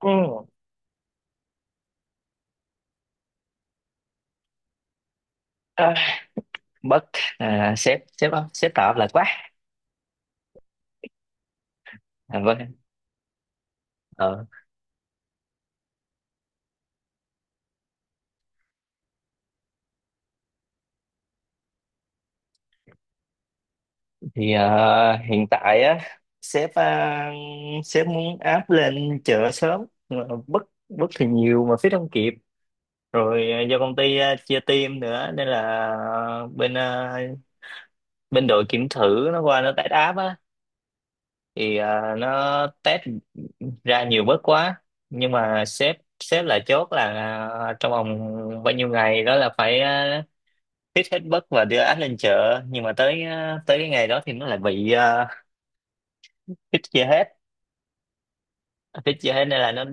Ừ. À, bất sếp sếp sếp tạo áp lực quá. Vâng. ờ, Hiện tại á sếp sếp muốn áp lên chợ sớm nhưng mà bất bất thì nhiều mà phía không kịp rồi. Do công ty chia team nữa nên là à, bên à, bên đội kiểm thử nó qua nó test áp á thì nó test ra nhiều bớt quá, nhưng mà sếp sếp là chốt là trong vòng bao nhiêu ngày đó là phải hít hết bất và đưa áp lên chợ, nhưng mà tới cái ngày đó thì nó lại bị hít chưa hết. Hít chưa hết nên là nó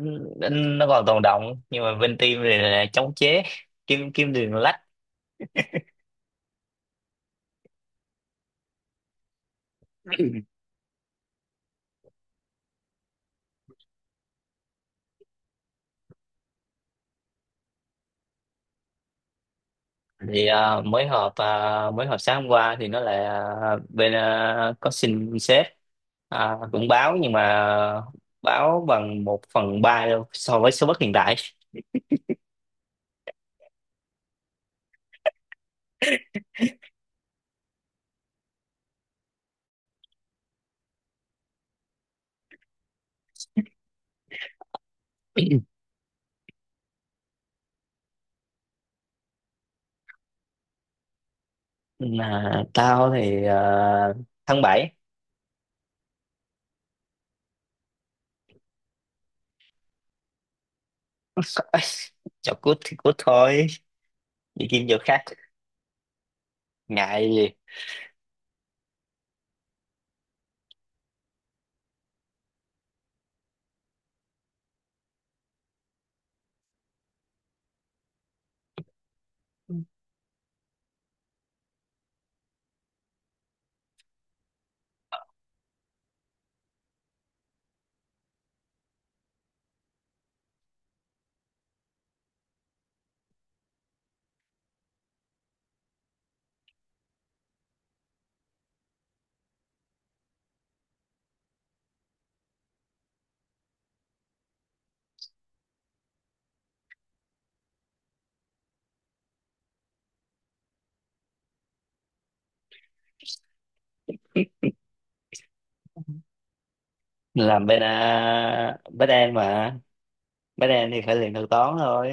nó nó còn tồn đọng, nhưng mà bên team thì là chống chế kim kim đường lách. Thì ờ, mới họp ờ, Mới họp sáng hôm qua thì nó lại có xin sếp cũng báo, nhưng mà báo bằng một phần ba đâu so với số bất hiện tại. Là tao thì tháng bảy chọc cút thì cút thôi, đi kiếm chỗ khác, ngại gì. Ừ. Làm bên bên em mà, bên em thì phải luyện thuật toán thôi.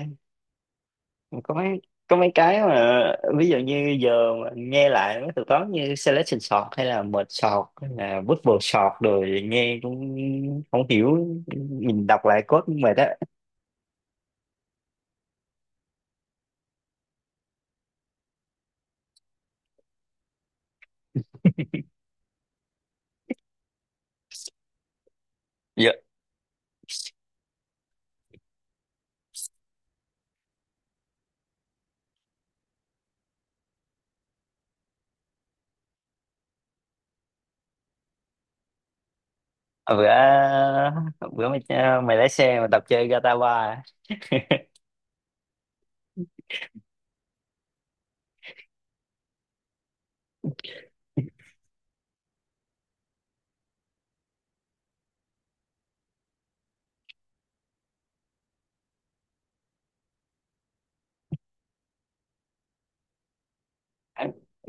Có mấy có mấy cái mà ví dụ như giờ mà nghe lại mấy thuật toán như selection sort hay là merge sort hay là bubble sort rồi nghe cũng không hiểu, nhìn đọc lại code cũng mệt á. Dạ. bữa bữa mày, mày lái xe mà tập chơi Gatawa.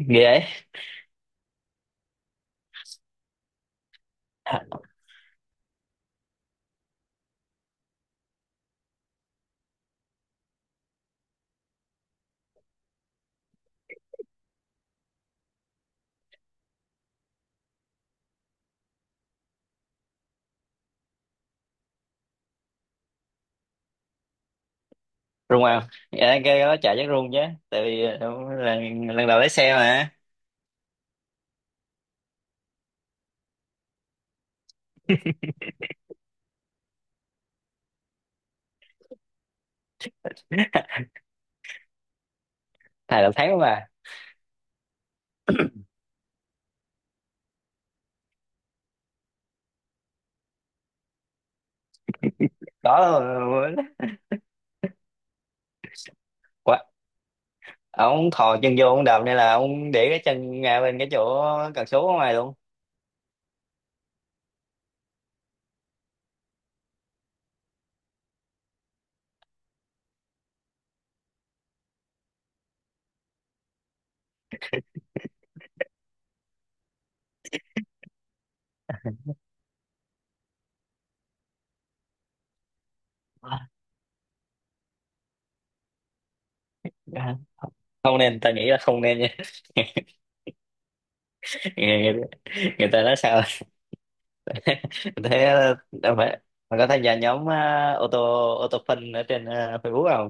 Ghê ấy. Rung à, dạ cái đó chạy chắc rung chứ, tại vì lần đầu lái xe mà. Thầy đầu tháng mà đó là- quá, ông thò chân vô ông đạp nên là ông để cái chân ngay bên cái chỗ cần số ở ngoài luôn. À, dạ. Không nên, ta nghĩ là không nên nha. người, người, người ta nói sao thế, đâu phải mà có tham gia nhóm ô tô, ô tô phân ở trên Facebook không?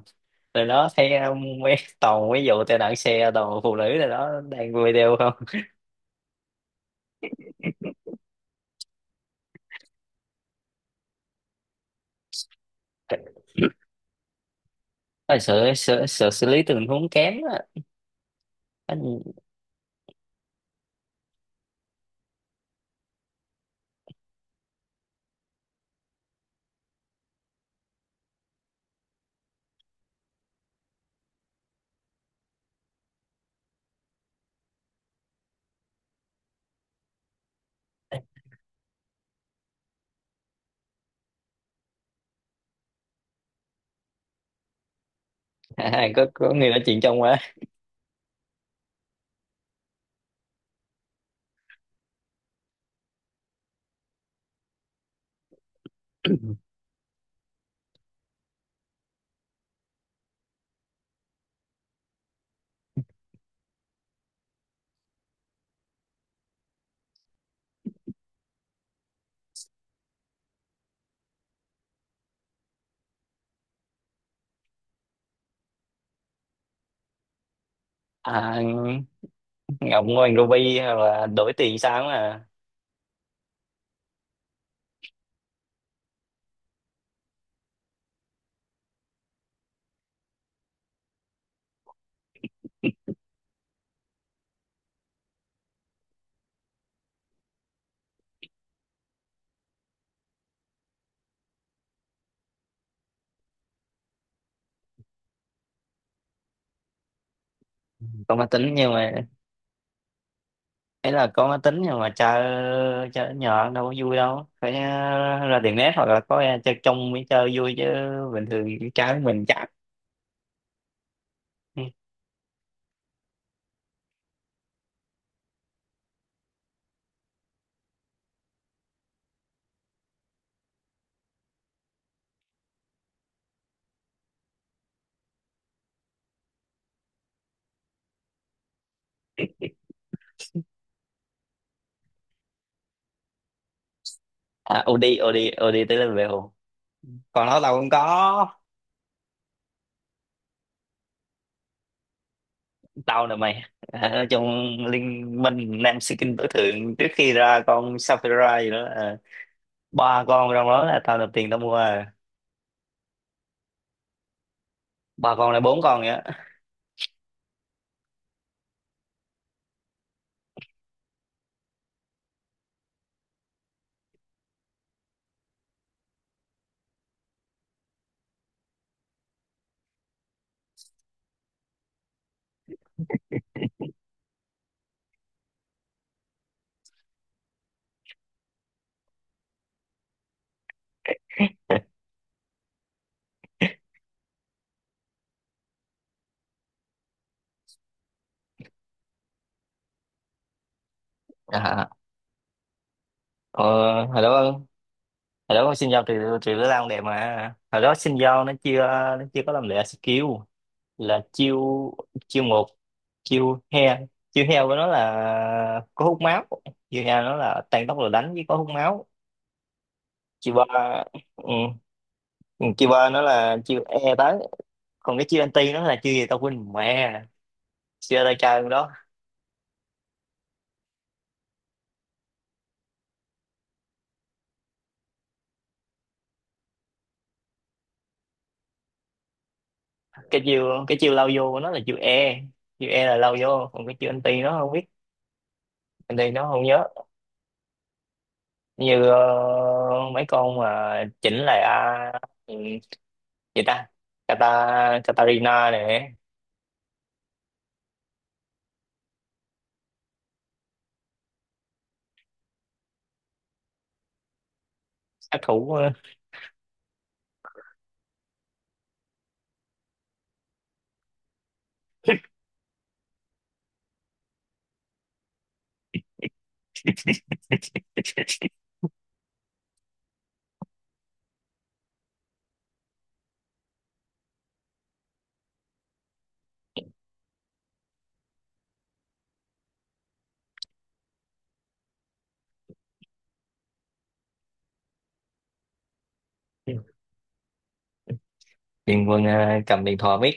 Rồi đó thấy mấy toàn mấy vụ tai nạn xe toàn phụ nữ rồi đó đang video không. À, sợ sợ xử lý tình huống kém á. Anh. À, có người nói chuyện trong quá. À, Ngọc Ngoan Ruby là đổi tiền sáng mà. Có máy tính nhưng mà, ấy là có máy tính nhưng mà chơi chơi nhỏ đâu có vui, đâu phải ra tiệm net hoặc là có ra chơi trong mới chơi vui chứ, bình thường trái mình chắc. À, OD. OD OD tới level, còn nó tao cũng có. Tao nè mày, à ở trong liên minh nam sĩ tối thượng trước khi ra con Sapphire gì đó à. Ba con trong đó là tao nộp tiền tao mua à. Ba con là bốn con vậy á. à, ờ, Hồi đó, hồi đó con xin giao trừ trừ đứa lao đẹp, mà hồi đó xin giao nó chưa, nó chưa có làm lệ skill. Là chiêu chiêu một, chiêu heo. Chiêu heo của nó là có hút máu, chiêu heo nó là tăng tốc rồi đánh với có hút máu. Chiêu ba, ừ, chiêu ba nó là chiêu e tới, còn cái chiêu anti nó là chiêu gì tao quên mẹ, chưa đại chơi đó. Cái chiều lao vô của nó là chiều e, chiều e là lao vô, còn cái chiều anti nó không biết, anti nó không nhớ. Như mấy con mà chỉnh lại ừ, gì ta, Kata, Katarina này, sát thủ. Điền Quân cầm điện thoại biết.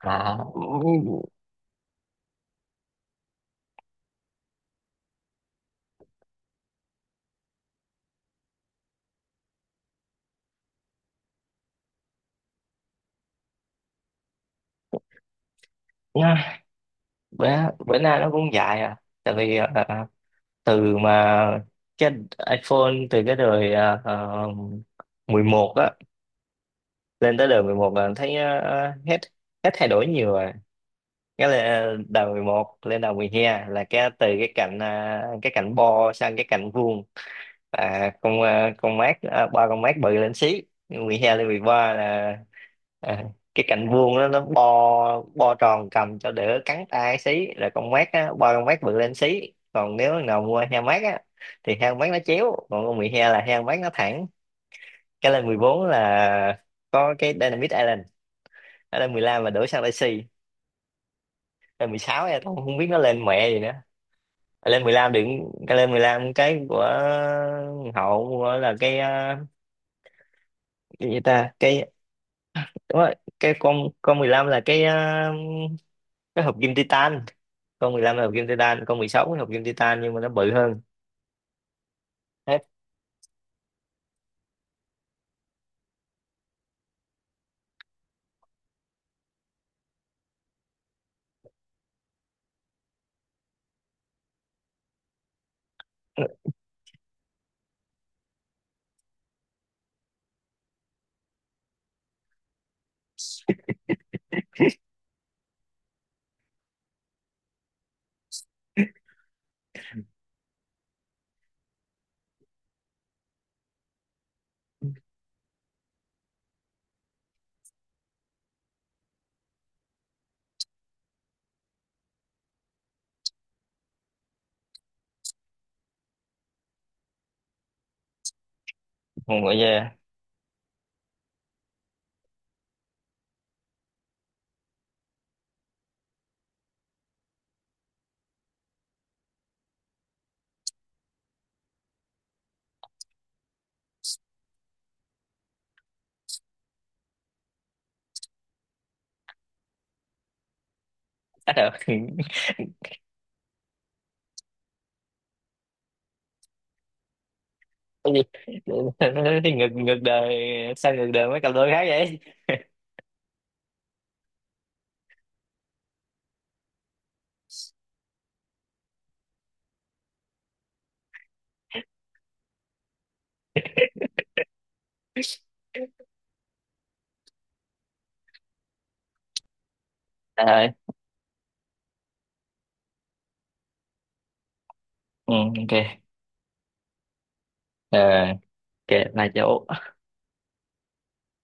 À, nha, bữa bữa nay nó cũng dại à, tại vì ờ, từ mà cái iPhone từ cái đời 11 á, lên tới đầu 11 là thấy hết, hết thay đổi nhiều rồi. Cái là đầu 11 lên đầu 12 là cái từ cái cạnh cái cạnh bo sang cái cạnh vuông. Con con mát, ba con mát bự lên xí. Mười hai lên 13 là ờ, cái cạnh vuông đó nó bo bo tròn cầm cho đỡ cắn tay xí, rồi con mát á, ba con mát bự lên xí. Còn nếu thằng nào mua heo mát á thì heo mát nó chéo, còn con 12 là heo mát nó thẳng. Cái lên 14 là có cái Dynamite Island. Nó lên 15 mà đổ sang Messi, lên 16 em cũng không biết nó lên mẹ gì nữa. Ờ, lên 15 đừng, cái lên 15 cái của hậu của là cái cái gì ta, cái đúng rồi, cái con 15 là cái cái hộp kim titan. Con 15 là hộp kim titan, con 16 là hộp kim titan nhưng mà nó bự hơn. Hết. Mọi người. À, được. Cái gì? Nó thì ngược, ngược đời, sao ngược đời mấy cặp đôi khác vậy. à, ừ, ok. Ờ, ok là chỗ